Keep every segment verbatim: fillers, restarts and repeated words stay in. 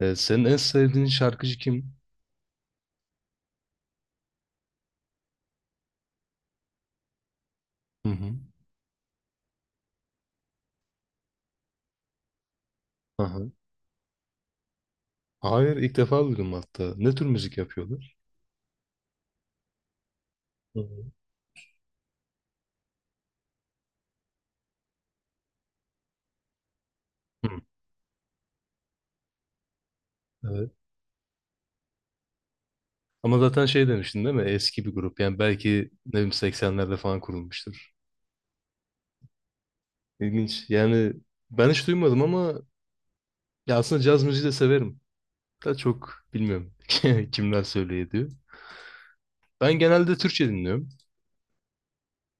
Ee, senin en sevdiğin şarkıcı kim? Hı hı. Aha. Hayır, ilk defa duydum hatta. Ne tür müzik yapıyorlar? Hı hı. Hı. Evet. Ama zaten şey demiştin değil mi? Eski bir grup. Yani belki ne bileyim seksenlerde falan kurulmuştur. İlginç. Yani ben hiç duymadım ama ya aslında caz müziği de severim. Da çok bilmiyorum kimler söylüyor ediyor. Ben genelde Türkçe dinliyorum.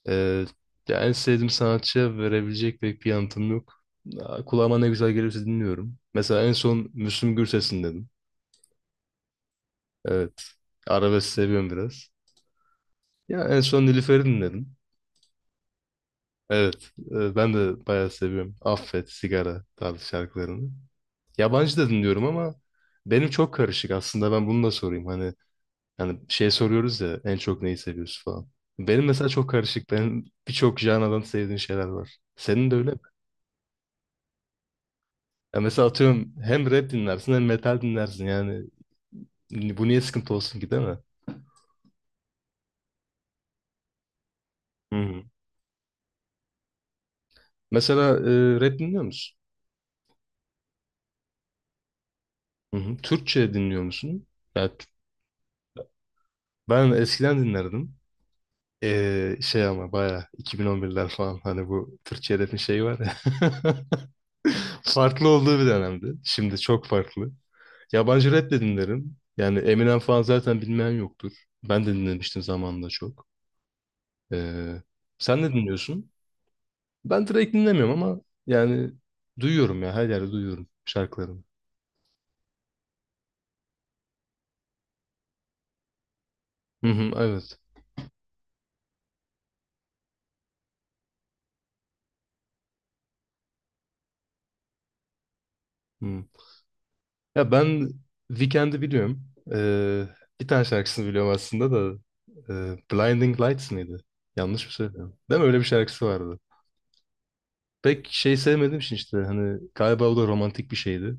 Ee, ya en sevdiğim sanatçıya verebilecek pek bir yanıtım yok. Aa, Kulağıma ne güzel gelirse dinliyorum. Mesela en son Müslüm Gürses'in dedim. Evet. Arabesk seviyorum biraz. Ya en son Nilüfer'i dinledim. Evet. e, Ben de bayağı seviyorum. Affet, Sigara tarzı şarkılarını. Yabancı da dinliyorum ama benim çok karışık. Aslında ben bunu da sorayım. Hani hani şey soruyoruz ya en çok neyi seviyorsun falan. Benim mesela çok karışık. Benim birçok janradan sevdiğim şeyler var. Senin de öyle mi? Ya mesela atıyorum hem rap dinlersin hem metal dinlersin. Yani bu niye sıkıntı olsun ki değil mi? Hı hı. Mesela e, rap dinliyor musun? Hı hı. Türkçe dinliyor musun? Ya, t- ben eskiden dinlerdim. Ee, şey ama baya iki bin on birler falan hani bu Türkçe rap'in şeyi var ya. Farklı olduğu bir dönemdi. Şimdi çok farklı. Yabancı rap de dinlerim. Yani Eminem falan zaten bilmeyen yoktur. Ben de dinlemiştim zamanında çok. Ee, sen ne dinliyorsun? Ben direkt dinlemiyorum ama yani duyuyorum ya her yerde duyuyorum şarkılarını. Hı hı, evet. Hı. Ya ben Weekend'i biliyorum. Ee, bir tane şarkısını biliyorum aslında da. e, Blinding Lights mıydı? Yanlış mı söylüyorum? Değil mi? Öyle bir şarkısı vardı. Pek şey sevmediğim için işte hani galiba o da romantik bir şeydi.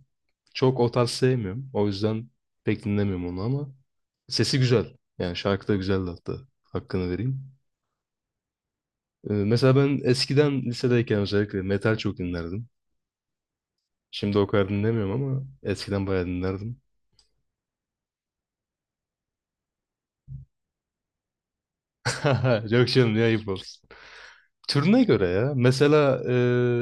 Çok o tarz sevmiyorum. O yüzden pek dinlemiyorum onu ama sesi güzel. Yani şarkı da güzeldi hatta. Hakkını vereyim. Ee, mesela ben eskiden lisedeyken özellikle metal çok dinlerdim. Şimdi o kadar dinlemiyorum ama eskiden bayağı dinlerdim. Yok canım ne ayıp olsun. Türüne göre ya. Mesela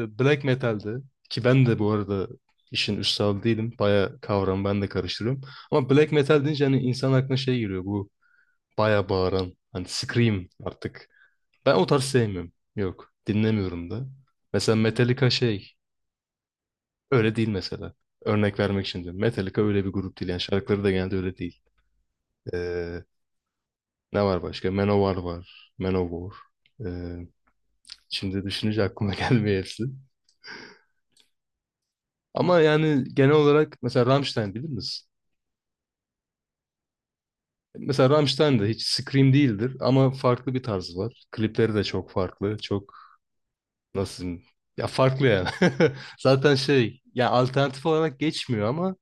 e, black metal'de ki ben de bu arada işin üstadı değilim. Baya kavramı ben de karıştırıyorum. Ama black metal deyince hani insan aklına şey giriyor bu baya bağıran hani scream artık. Ben o tarz sevmiyorum. Yok dinlemiyorum da. Mesela Metallica şey öyle değil mesela. Örnek vermek için diyorum. Metallica öyle bir grup değil. Yani şarkıları da genelde öyle değil. E, Ne var başka? Manowar var. Manowar. E, Şimdi düşününce aklıma gelmiyor hepsi. Ama yani genel olarak mesela Rammstein bilir misin? Mesela Rammstein de hiç Scream değildir ama farklı bir tarzı var. Klipleri de çok farklı. Çok nasıl diyeyim? Ya farklı yani. Zaten şey ya alternatif olarak geçmiyor ama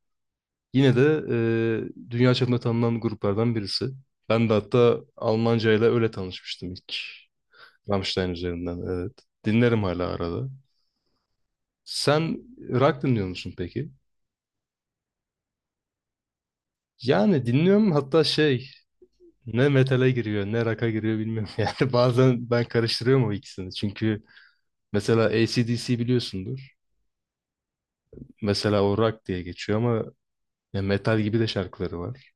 yine de e, dünya çapında tanınan gruplardan birisi. Ben de hatta Almanca ile öyle tanışmıştım ilk. Rammstein üzerinden evet. Dinlerim hala arada. Sen rock dinliyor musun peki? Yani dinliyorum hatta şey ne metale giriyor ne rock'a giriyor bilmiyorum. Yani bazen ben karıştırıyorum o ikisini. Çünkü mesela A C/D C biliyorsundur. Mesela o rock diye geçiyor ama ya metal gibi de şarkıları var.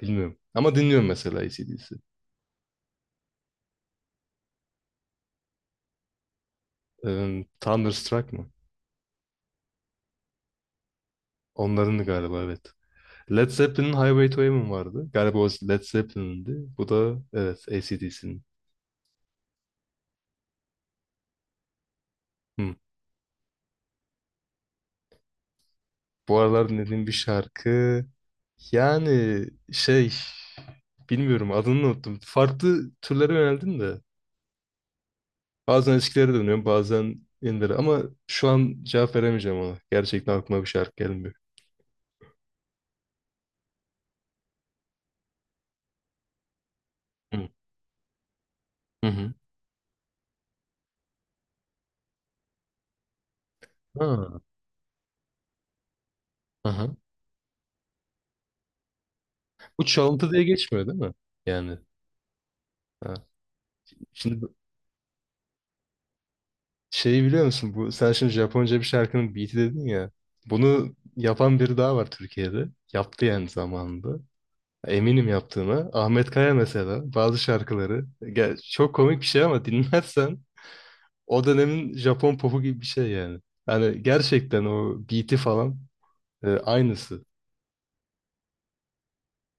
Bilmiyorum. Ama dinliyorum mesela A C/D C. Ee, Thunderstruck mı? Onların galiba evet. Led Zeppelin'in Highway to Heaven vardı. Galiba o Led Zeppelin'di. Bu da evet A C/D C'nin. Hmm. Bu aralar dinlediğim bir şarkı yani şey bilmiyorum adını unuttum. Farklı türlere yöneldim de. Bazen eskilere dönüyorum, bazen yenilere ama şu an cevap veremeyeceğim ona. Gerçekten aklıma bir şarkı gelmiyor. Hı hı. Hı. Ha, aha. Bu çalıntı diye geçmiyor değil mi? Yani. Ha. Şimdi bu- Şeyi biliyor musun? Bu, sen şimdi Japonca bir şarkının beat'i dedin ya. Bunu yapan biri daha var Türkiye'de. Yaptı yani zamanında. Eminim yaptığına. Ahmet Kaya mesela bazı şarkıları. Gel, çok komik bir şey ama dinlersen o dönemin Japon popu gibi bir şey yani. Yani gerçekten o beat'i falan Ee, aynısı.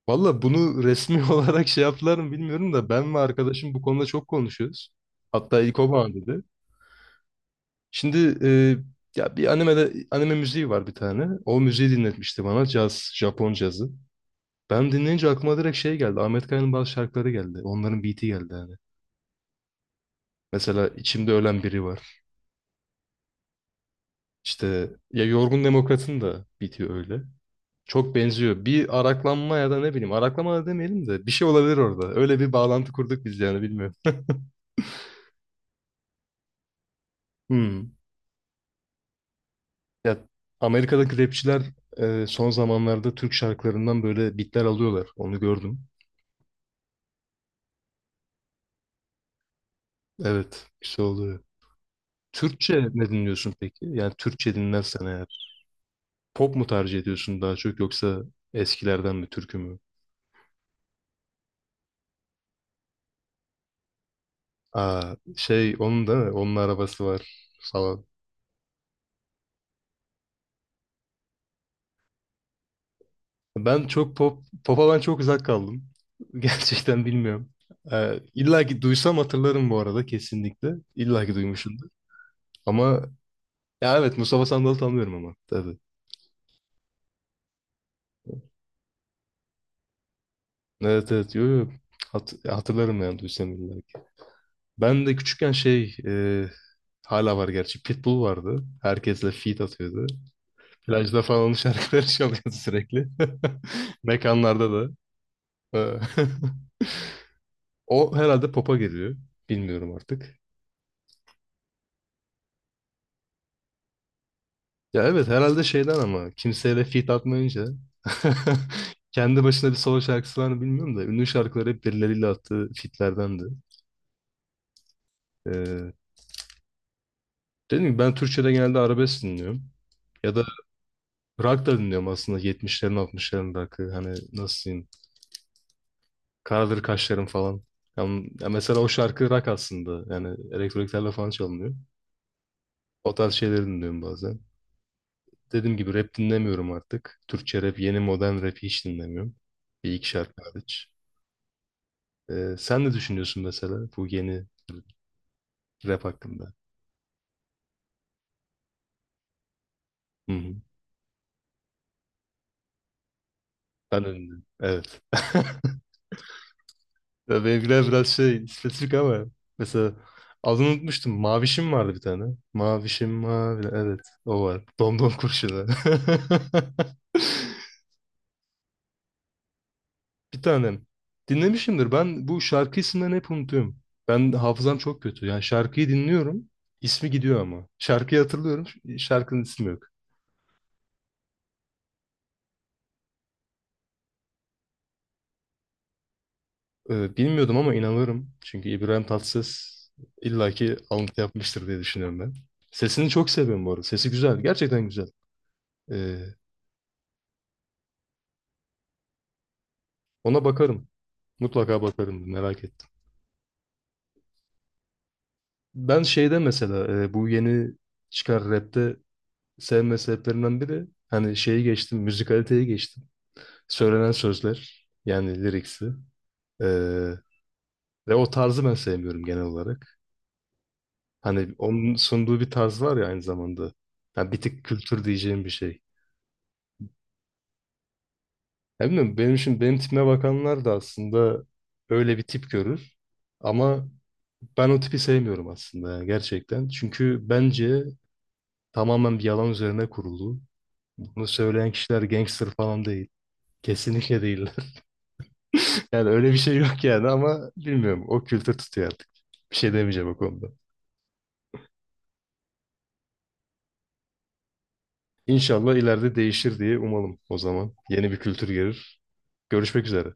Valla bunu resmi olarak şey yaptılar mı bilmiyorum da ben ve arkadaşım bu konuda çok konuşuyoruz. Hatta ilk o bana dedi. Şimdi e, ya bir animede anime müziği var bir tane. O müziği dinletmişti bana. Caz, Japon cazı. Ben dinleyince aklıma direkt şey geldi. Ahmet Kaya'nın bazı şarkıları geldi. Onların beat'i geldi hani. Mesela içimde ölen biri var. İşte ya Yorgun Demokrat'ın da beat'i öyle. Çok benziyor. Bir araklanma ya da ne bileyim araklama da demeyelim de bir şey olabilir orada. Öyle bir bağlantı kurduk biz yani bilmiyorum. Hmm. Ya Amerika'daki rapçiler e, son zamanlarda Türk şarkılarından böyle bitler alıyorlar. Onu gördüm. Evet, güzel oluyor. Türkçe ne dinliyorsun peki? Yani Türkçe dinlersen eğer pop mu tercih ediyorsun daha çok yoksa eskilerden mi türkü mü? Aa, şey onun da onun arabası var falan. Ben çok pop pop'a ben çok uzak kaldım. Gerçekten bilmiyorum. Ee, illa ki duysam hatırlarım bu arada kesinlikle. İlla ki duymuşumdur. Ama ya evet Mustafa Sandal'ı tanıyorum ama tabii. Evet evet yo, yo. Hat hatırlarım yani duysam illa ki. Ben de küçükken şey e, hala var gerçi Pitbull vardı. Herkesle feat atıyordu. Plajda falan onun şarkıları çalıyordu sürekli. Mekanlarda da. E, O herhalde pop'a geliyor. Bilmiyorum artık. Ya evet herhalde şeyden ama kimseyle feat atmayınca kendi başına bir solo şarkısı var mı bilmiyorum da ünlü şarkıları hep birileriyle attığı featlerdendi. E, Dedim ki ben Türkçe'de genelde arabesk dinliyorum. Ya da rock da dinliyorum aslında yetmişlerin altmışların rock'ı hani nasıl diyeyim Karadır Kaşlarım falan. Yani, ya mesela o şarkı rock aslında yani elektroniklerle falan çalınıyor. O tarz şeyleri dinliyorum bazen. Dediğim gibi rap dinlemiyorum artık. Türkçe rap, yeni modern rap hiç dinlemiyorum. Bir iki şarkı hariç. Ee, sen ne düşünüyorsun mesela bu yeni rap hakkında? Hı hı. Ben de dinliyorum. Evet. Ya benimkiler biraz şey spesifik ama mesela adını unutmuştum. Mavişim vardı bir tane. Mavişim mavi. Evet o var. Domdom kurşunu. Bir tanem. Dinlemişimdir. Ben bu şarkı isimlerini hep unutuyorum. Ben hafızam çok kötü. Yani şarkıyı dinliyorum. İsmi gidiyor ama. Şarkıyı hatırlıyorum. Şarkının ismi yok. Ee, bilmiyordum ama inanırım. Çünkü İbrahim Tatlıses illaki alıntı yapmıştır diye düşünüyorum ben. Sesini çok seviyorum bu arada. Sesi güzel. Gerçekten güzel. Ee, Ona bakarım. Mutlaka bakarım. Merak ettim. Ben şeyde mesela e, bu yeni çıkan rapte sevme sebeplerinden biri hani şeyi geçtim, müzikaliteye geçtim. Söylenen sözler yani liriksi. E, ve o tarzı ben sevmiyorum genel olarak. Hani onun sunduğu bir tarz var ya aynı zamanda. Yani bir tık kültür diyeceğim bir şey. Ya bilmiyorum, benim için benim tipime bakanlar da aslında öyle bir tip görür. Ama ben o tipi sevmiyorum aslında yani gerçekten. Çünkü bence tamamen bir yalan üzerine kurulu. Bunu söyleyen kişiler gangster falan değil. Kesinlikle değiller. Yani öyle bir şey yok yani ama bilmiyorum. O kültür tutuyor artık. Bir şey demeyeceğim o konuda. İnşallah ileride değişir diye umalım o zaman. Yeni bir kültür gelir. Görüşmek üzere.